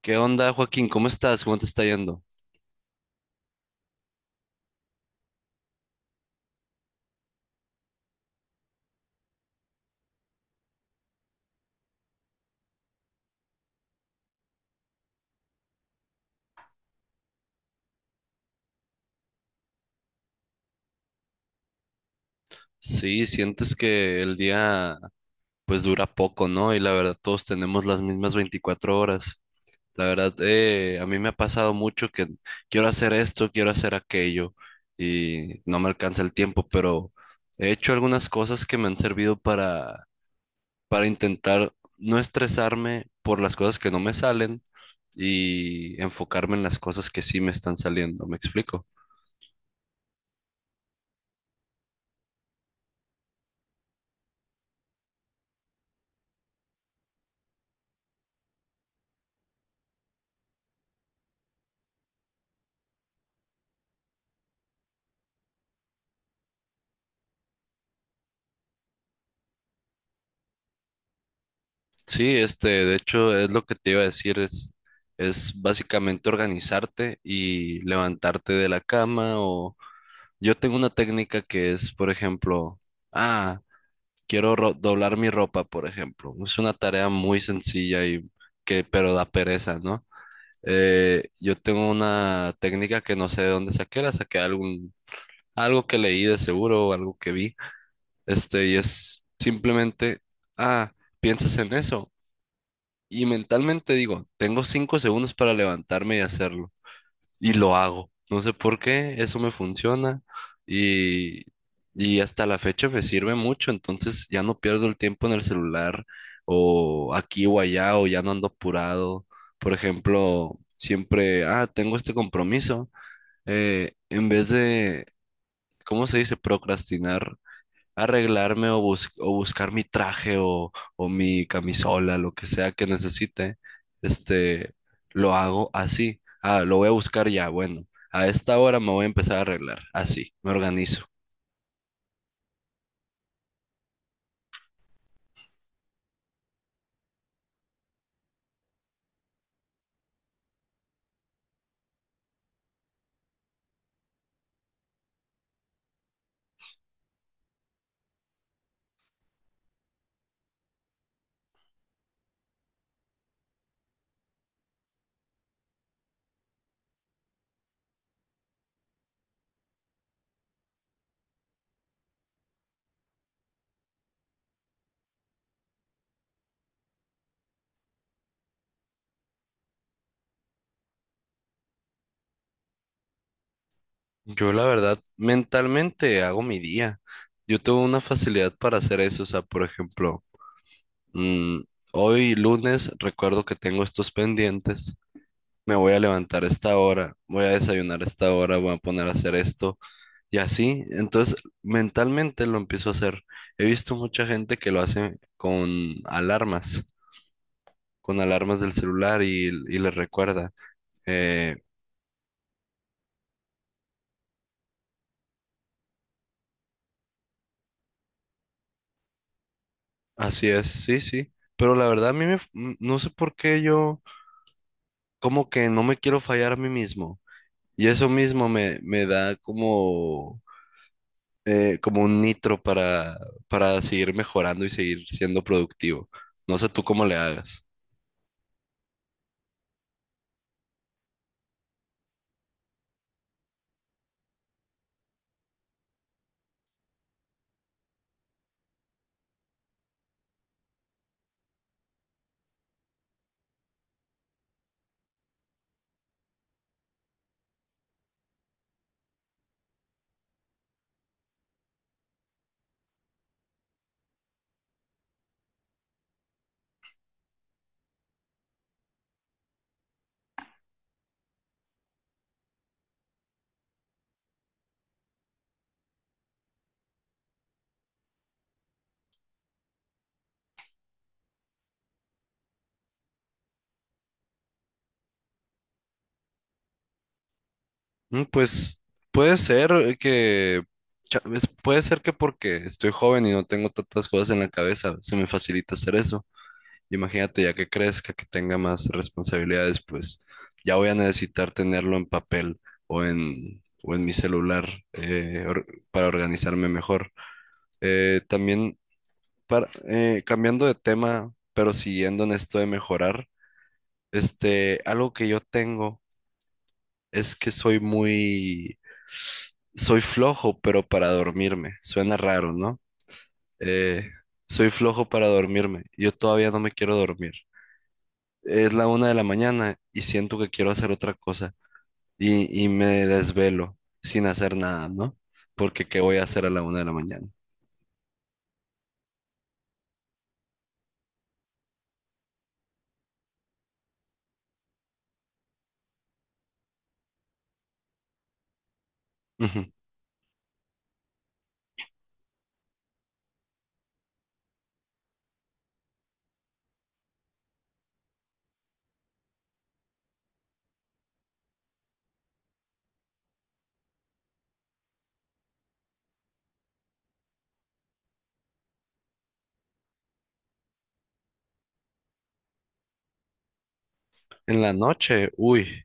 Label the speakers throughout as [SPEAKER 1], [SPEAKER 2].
[SPEAKER 1] ¿Qué onda, Joaquín? ¿Cómo estás? ¿Cómo te está yendo? Sí, sientes que el día pues dura poco, ¿no? Y la verdad todos tenemos las mismas 24 horas. La verdad, a mí me ha pasado mucho que quiero hacer esto, quiero hacer aquello y no me alcanza el tiempo, pero he hecho algunas cosas que me han servido para intentar no estresarme por las cosas que no me salen y enfocarme en las cosas que sí me están saliendo. ¿Me explico? Sí, de hecho, es lo que te iba a decir, es básicamente organizarte y levantarte de la cama o yo tengo una técnica que es, por ejemplo, ah, quiero doblar mi ropa, por ejemplo. Es una tarea muy sencilla pero da pereza, ¿no? Yo tengo una técnica que no sé de dónde saqué, la saqué de algo que leí de seguro o algo que vi, y es simplemente, ah, piensas en eso y mentalmente digo, tengo 5 segundos para levantarme y hacerlo. Y lo hago. No sé por qué, eso me funciona. Y, y hasta la fecha me sirve mucho. Entonces ya no pierdo el tiempo en el celular o aquí o allá o ya no ando apurado. Por ejemplo, siempre, tengo este compromiso. En vez de, ¿cómo se dice? Procrastinar arreglarme o, o buscar mi traje o mi camisola, lo que sea que necesite, este, lo hago así. Ah, lo voy a buscar ya, bueno, a esta hora me voy a empezar a arreglar, así, me organizo. Yo la verdad, mentalmente hago mi día. Yo tengo una facilidad para hacer eso, o sea, por ejemplo, mm, hoy lunes recuerdo que tengo estos pendientes. Me voy a levantar a esta hora, voy a desayunar a esta hora, voy a poner a hacer esto. Y así, entonces mentalmente lo empiezo a hacer. He visto mucha gente que lo hace alarmas, con alarmas del celular y les recuerda. Eh, Así es, sí, sí. Pero la verdad a mí no sé por qué yo como que no me quiero fallar a mí mismo. Y eso mismo me da como un nitro para, seguir mejorando y seguir siendo productivo. No sé tú cómo le hagas. Pues puede ser que, puede ser que porque estoy joven y no tengo tantas cosas en la cabeza, se me facilita hacer eso. Imagínate, ya que crezca, que tenga más responsabilidades, pues ya voy a necesitar tenerlo en papel o en mi celular para organizarme mejor. También, cambiando de tema, pero siguiendo en esto de mejorar, algo que yo tengo. Es que soy flojo, pero para dormirme. Suena raro, ¿no? Eh, Soy flojo para dormirme. Yo todavía no me quiero dormir. Es la 1 de la mañana y siento que quiero hacer otra cosa. Y me desvelo sin hacer nada, ¿no? Porque ¿qué voy a hacer a la 1 de la mañana? Ujú. En la noche, uy,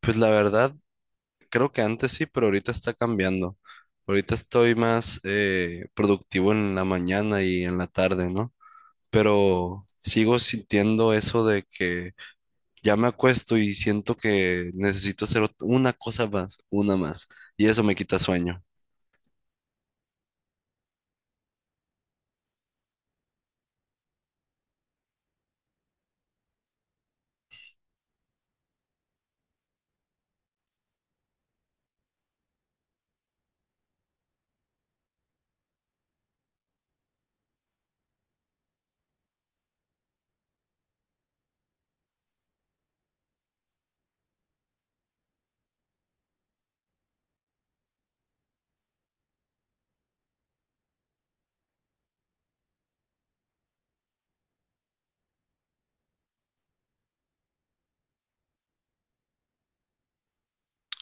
[SPEAKER 1] pues la verdad, creo que antes sí, pero ahorita está cambiando. Ahorita estoy más productivo en la mañana y en la tarde, ¿no? Pero sigo sintiendo eso de que ya me acuesto y siento que necesito hacer una cosa más, una más, y eso me quita sueño.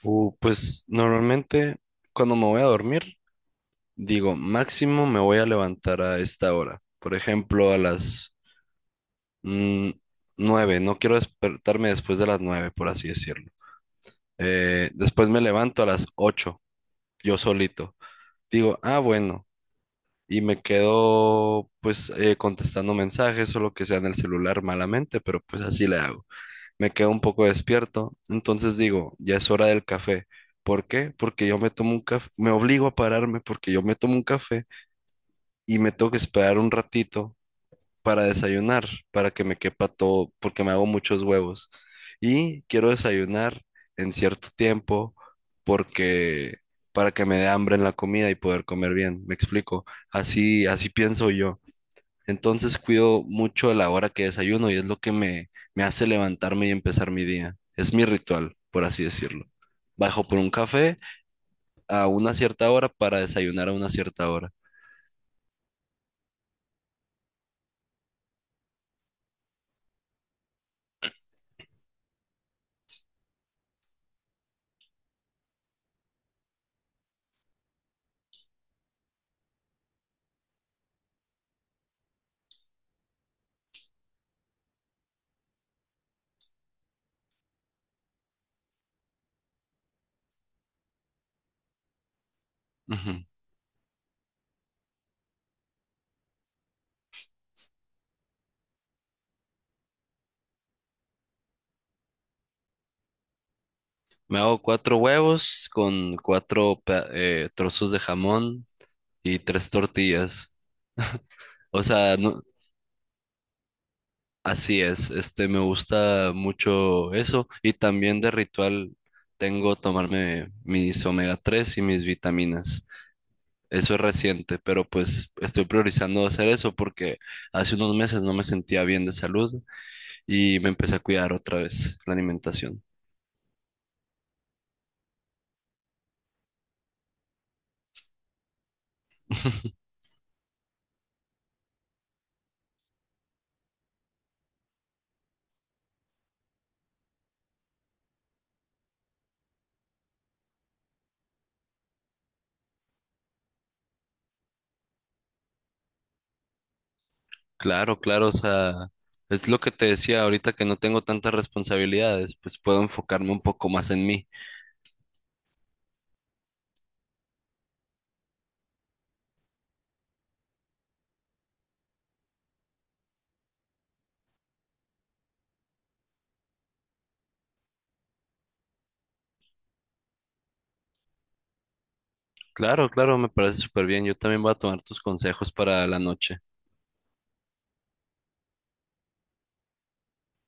[SPEAKER 1] Pues normalmente cuando me voy a dormir, digo, máximo me voy a levantar a esta hora, por ejemplo, a las mm, 9, no quiero despertarme después de las 9, por así decirlo. Después me levanto a las 8, yo solito. Digo, bueno. Y me quedo pues contestando mensajes o lo que sea en el celular malamente, pero pues así le hago. Me quedo un poco despierto, entonces digo, ya es hora del café. ¿Por qué? Porque yo me tomo un café, me obligo a pararme porque yo me tomo un café y me tengo que esperar un ratito para desayunar, para que me quepa todo, porque me hago muchos huevos. Y quiero desayunar en cierto tiempo porque para que me dé hambre en la comida y poder comer bien. ¿Me explico? Así, así pienso yo. Entonces cuido mucho de la hora que desayuno y es lo que me hace levantarme y empezar mi día. Es mi ritual, por así decirlo. Bajo por un café a una cierta hora para desayunar a una cierta hora. Ujú. Me hago cuatro huevos con cuatro trozos de jamón y tres tortillas. O sea, así es. Me gusta mucho eso. Y también de ritual tengo tomarme mis omega-3 y mis vitaminas. Eso es reciente, pero pues estoy priorizando hacer eso porque hace unos meses no me sentía bien de salud y me empecé a cuidar otra vez la alimentación. Claro, claro, o sea, es lo que te decía ahorita que no tengo tantas responsabilidades, pues puedo enfocarme un poco más en mí. Claro, claro, me parece súper bien. Yo también voy a tomar tus consejos para la noche.